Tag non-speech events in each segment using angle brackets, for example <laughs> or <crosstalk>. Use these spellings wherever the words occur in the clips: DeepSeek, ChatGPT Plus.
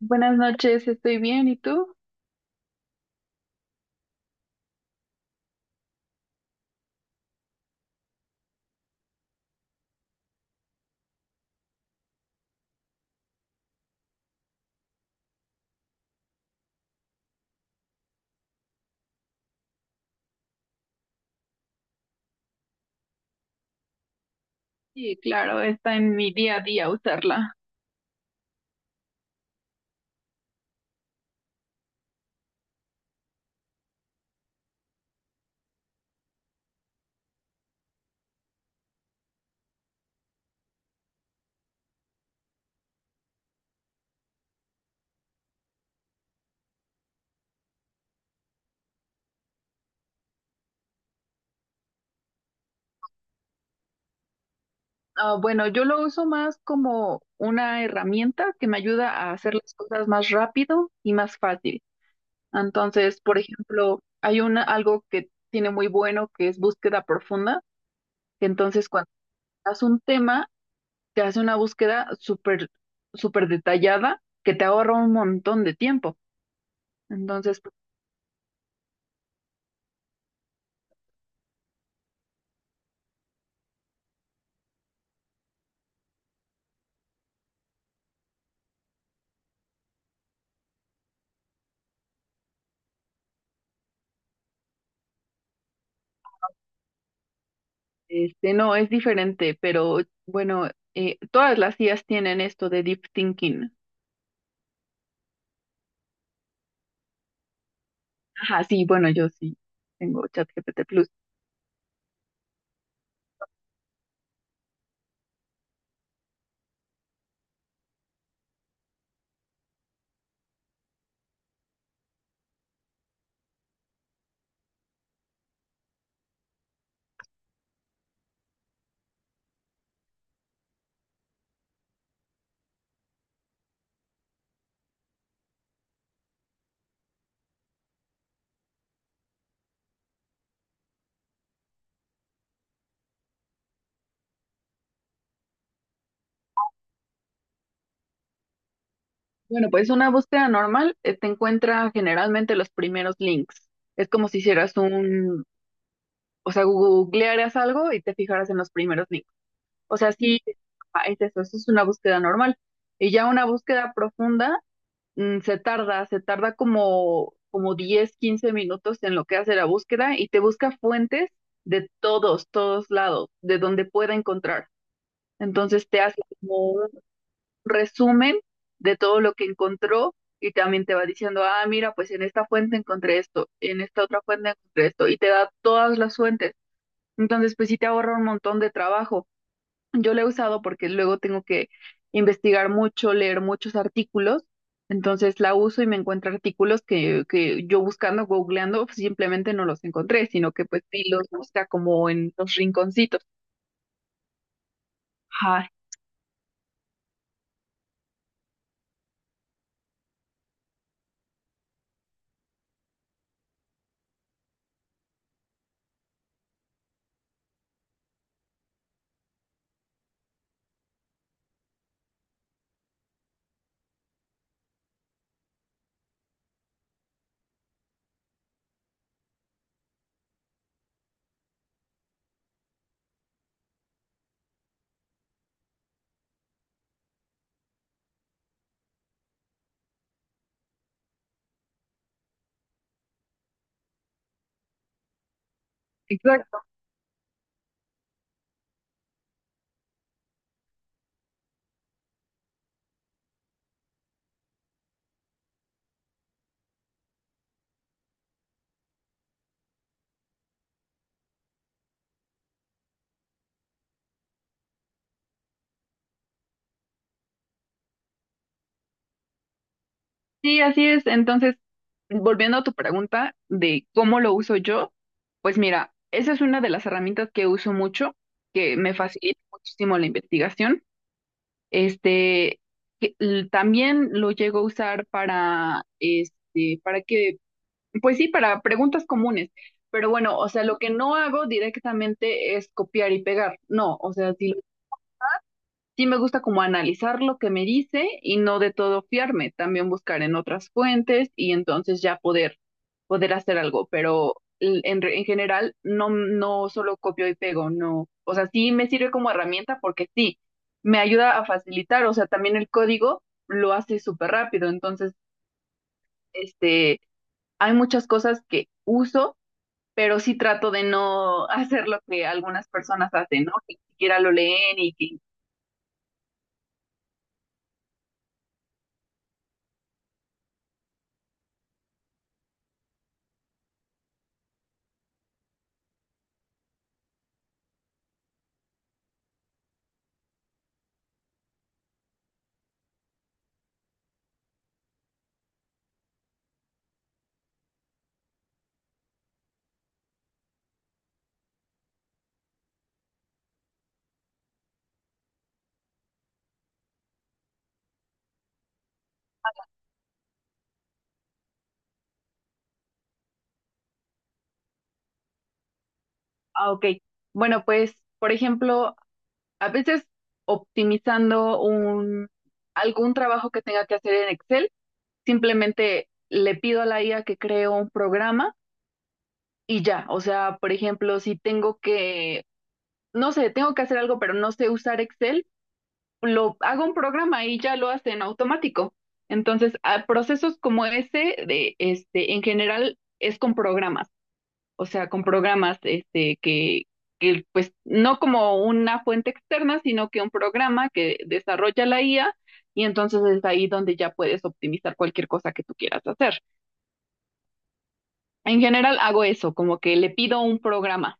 Buenas noches, estoy bien, ¿y tú? Sí, claro, está en mi día a día usarla. Ah, bueno, yo lo uso más como una herramienta que me ayuda a hacer las cosas más rápido y más fácil. Entonces, por ejemplo, hay una, algo que tiene muy bueno que es búsqueda profunda, que entonces cuando haces un tema, te hace una búsqueda súper, súper detallada que te ahorra un montón de tiempo. Entonces, este, no, es diferente, pero bueno, todas las IAs tienen esto de deep thinking. Ajá, sí, bueno, yo sí tengo ChatGPT Plus. Bueno, pues una búsqueda normal te encuentra generalmente los primeros links. Es como si hicieras un, o sea, googlearas algo y te fijaras en los primeros links. O sea, sí, ajá, es eso, eso es una búsqueda normal. Y ya una búsqueda profunda se tarda como, como 10 15 minutos en lo que hace la búsqueda y te busca fuentes de todos, todos lados, de donde pueda encontrar. Entonces te hace como un resumen de todo lo que encontró y también te va diciendo, ah, mira, pues en esta fuente encontré esto, en esta otra fuente encontré esto, y te da todas las fuentes. Entonces, pues sí te ahorra un montón de trabajo. Yo la he usado porque luego tengo que investigar mucho, leer muchos artículos. Entonces la uso y me encuentro artículos que yo buscando, googleando, pues, simplemente no los encontré, sino que pues sí los busca como en los rinconcitos. Ajá, exacto. Sí, así es. Entonces, volviendo a tu pregunta de cómo lo uso yo, pues mira, esa es una de las herramientas que uso mucho, que me facilita muchísimo la investigación. Este, que l- también lo llego a usar para, este, para que, pues sí, para preguntas comunes. Pero bueno, o sea, lo que no hago directamente es copiar y pegar. No, o sea, si lo... Sí me gusta como analizar lo que me dice y no de todo fiarme, también buscar en otras fuentes y entonces ya poder, poder hacer algo, pero l- en, re- en general no, no solo copio y pego, no, o sea, sí me sirve como herramienta porque sí, me ayuda a facilitar, o sea, también el código lo hace súper rápido, entonces, este, hay muchas cosas que uso, pero sí trato de no <laughs> hacer lo que algunas personas hacen, ¿no? Que ni siquiera lo leen y que... Ah, ok. Bueno, pues, por ejemplo, a veces optimizando un, algún trabajo que tenga que hacer en Excel, simplemente le pido a la IA que cree un programa y ya. O sea, por ejemplo, si tengo que, no sé, tengo que hacer algo, pero no sé usar Excel, lo hago un programa y ya lo hace en automático. Entonces, a procesos como ese, de, este, en general, es con programas. O sea, con programas este, que, pues, no como una fuente externa, sino que un programa que desarrolla la IA y entonces es ahí donde ya puedes optimizar cualquier cosa que tú quieras hacer. En general hago eso, como que le pido un programa.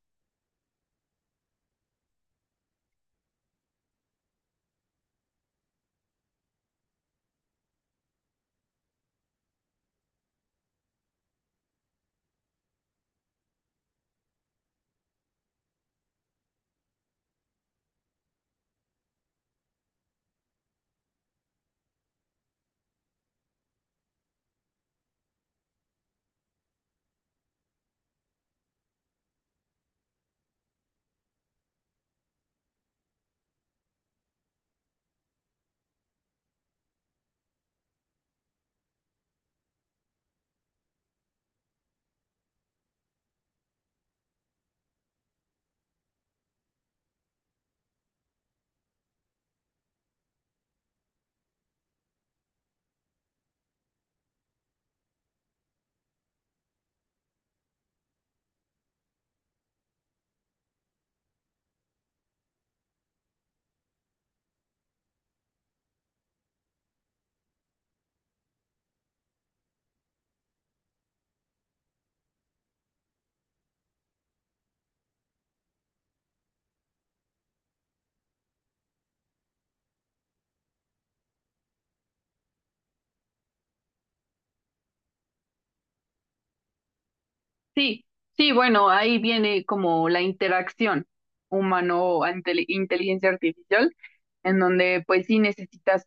Sí, sí, bueno, ahí viene como la interacción humano-inteligencia artificial, en donde pues sí necesitas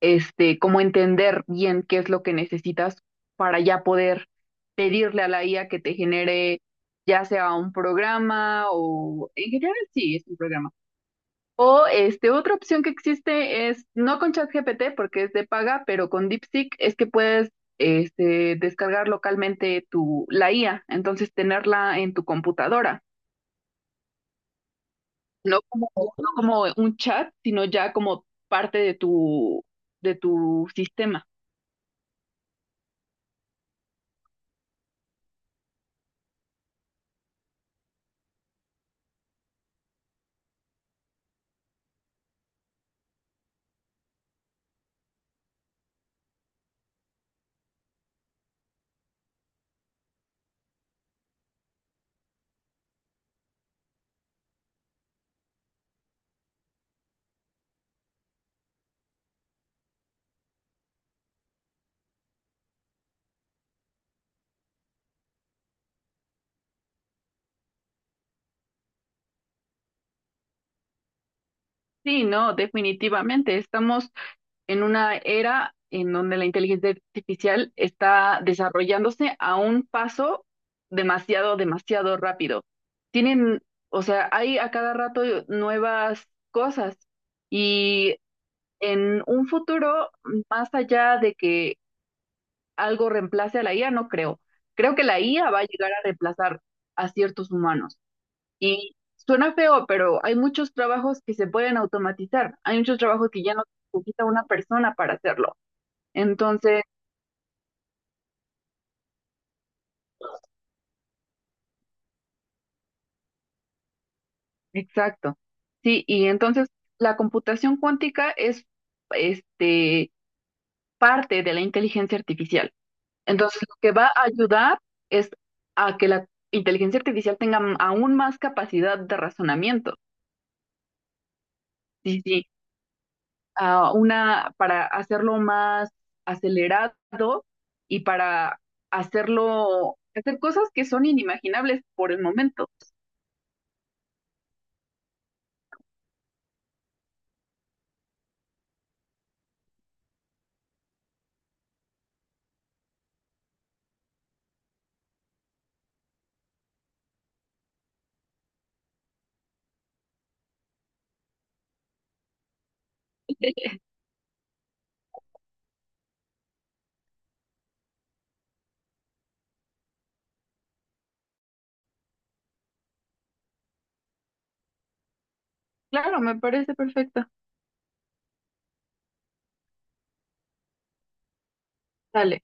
este, como entender bien qué es lo que necesitas para ya poder pedirle a la IA que te genere ya sea un programa o en general sí, es un programa. O este, otra opción que existe es, no con ChatGPT porque es de paga, pero con DeepSeek es que puedes este, descargar localmente tu, la IA, entonces tenerla en tu computadora, no como, no como un chat, sino ya como parte de tu sistema. Sí, no, definitivamente. Estamos en una era en donde la inteligencia artificial está desarrollándose a un paso demasiado, demasiado rápido. Tienen, o sea, hay a cada rato nuevas cosas y en un futuro, más allá de que algo reemplace a la IA, no creo. Creo que la IA va a llegar a reemplazar a ciertos humanos. Y suena feo, pero hay muchos trabajos que se pueden automatizar. Hay muchos trabajos que ya no necesita una persona para hacerlo. Entonces, exacto. Sí, y entonces la computación cuántica es este parte de la inteligencia artificial. Entonces, lo que va a ayudar es a que la inteligencia artificial tenga m- aún más capacidad de razonamiento. Sí, sí. A una, para hacerlo más acelerado y para hacerlo, hacer cosas que son inimaginables por el momento. Claro, me parece perfecto. Dale.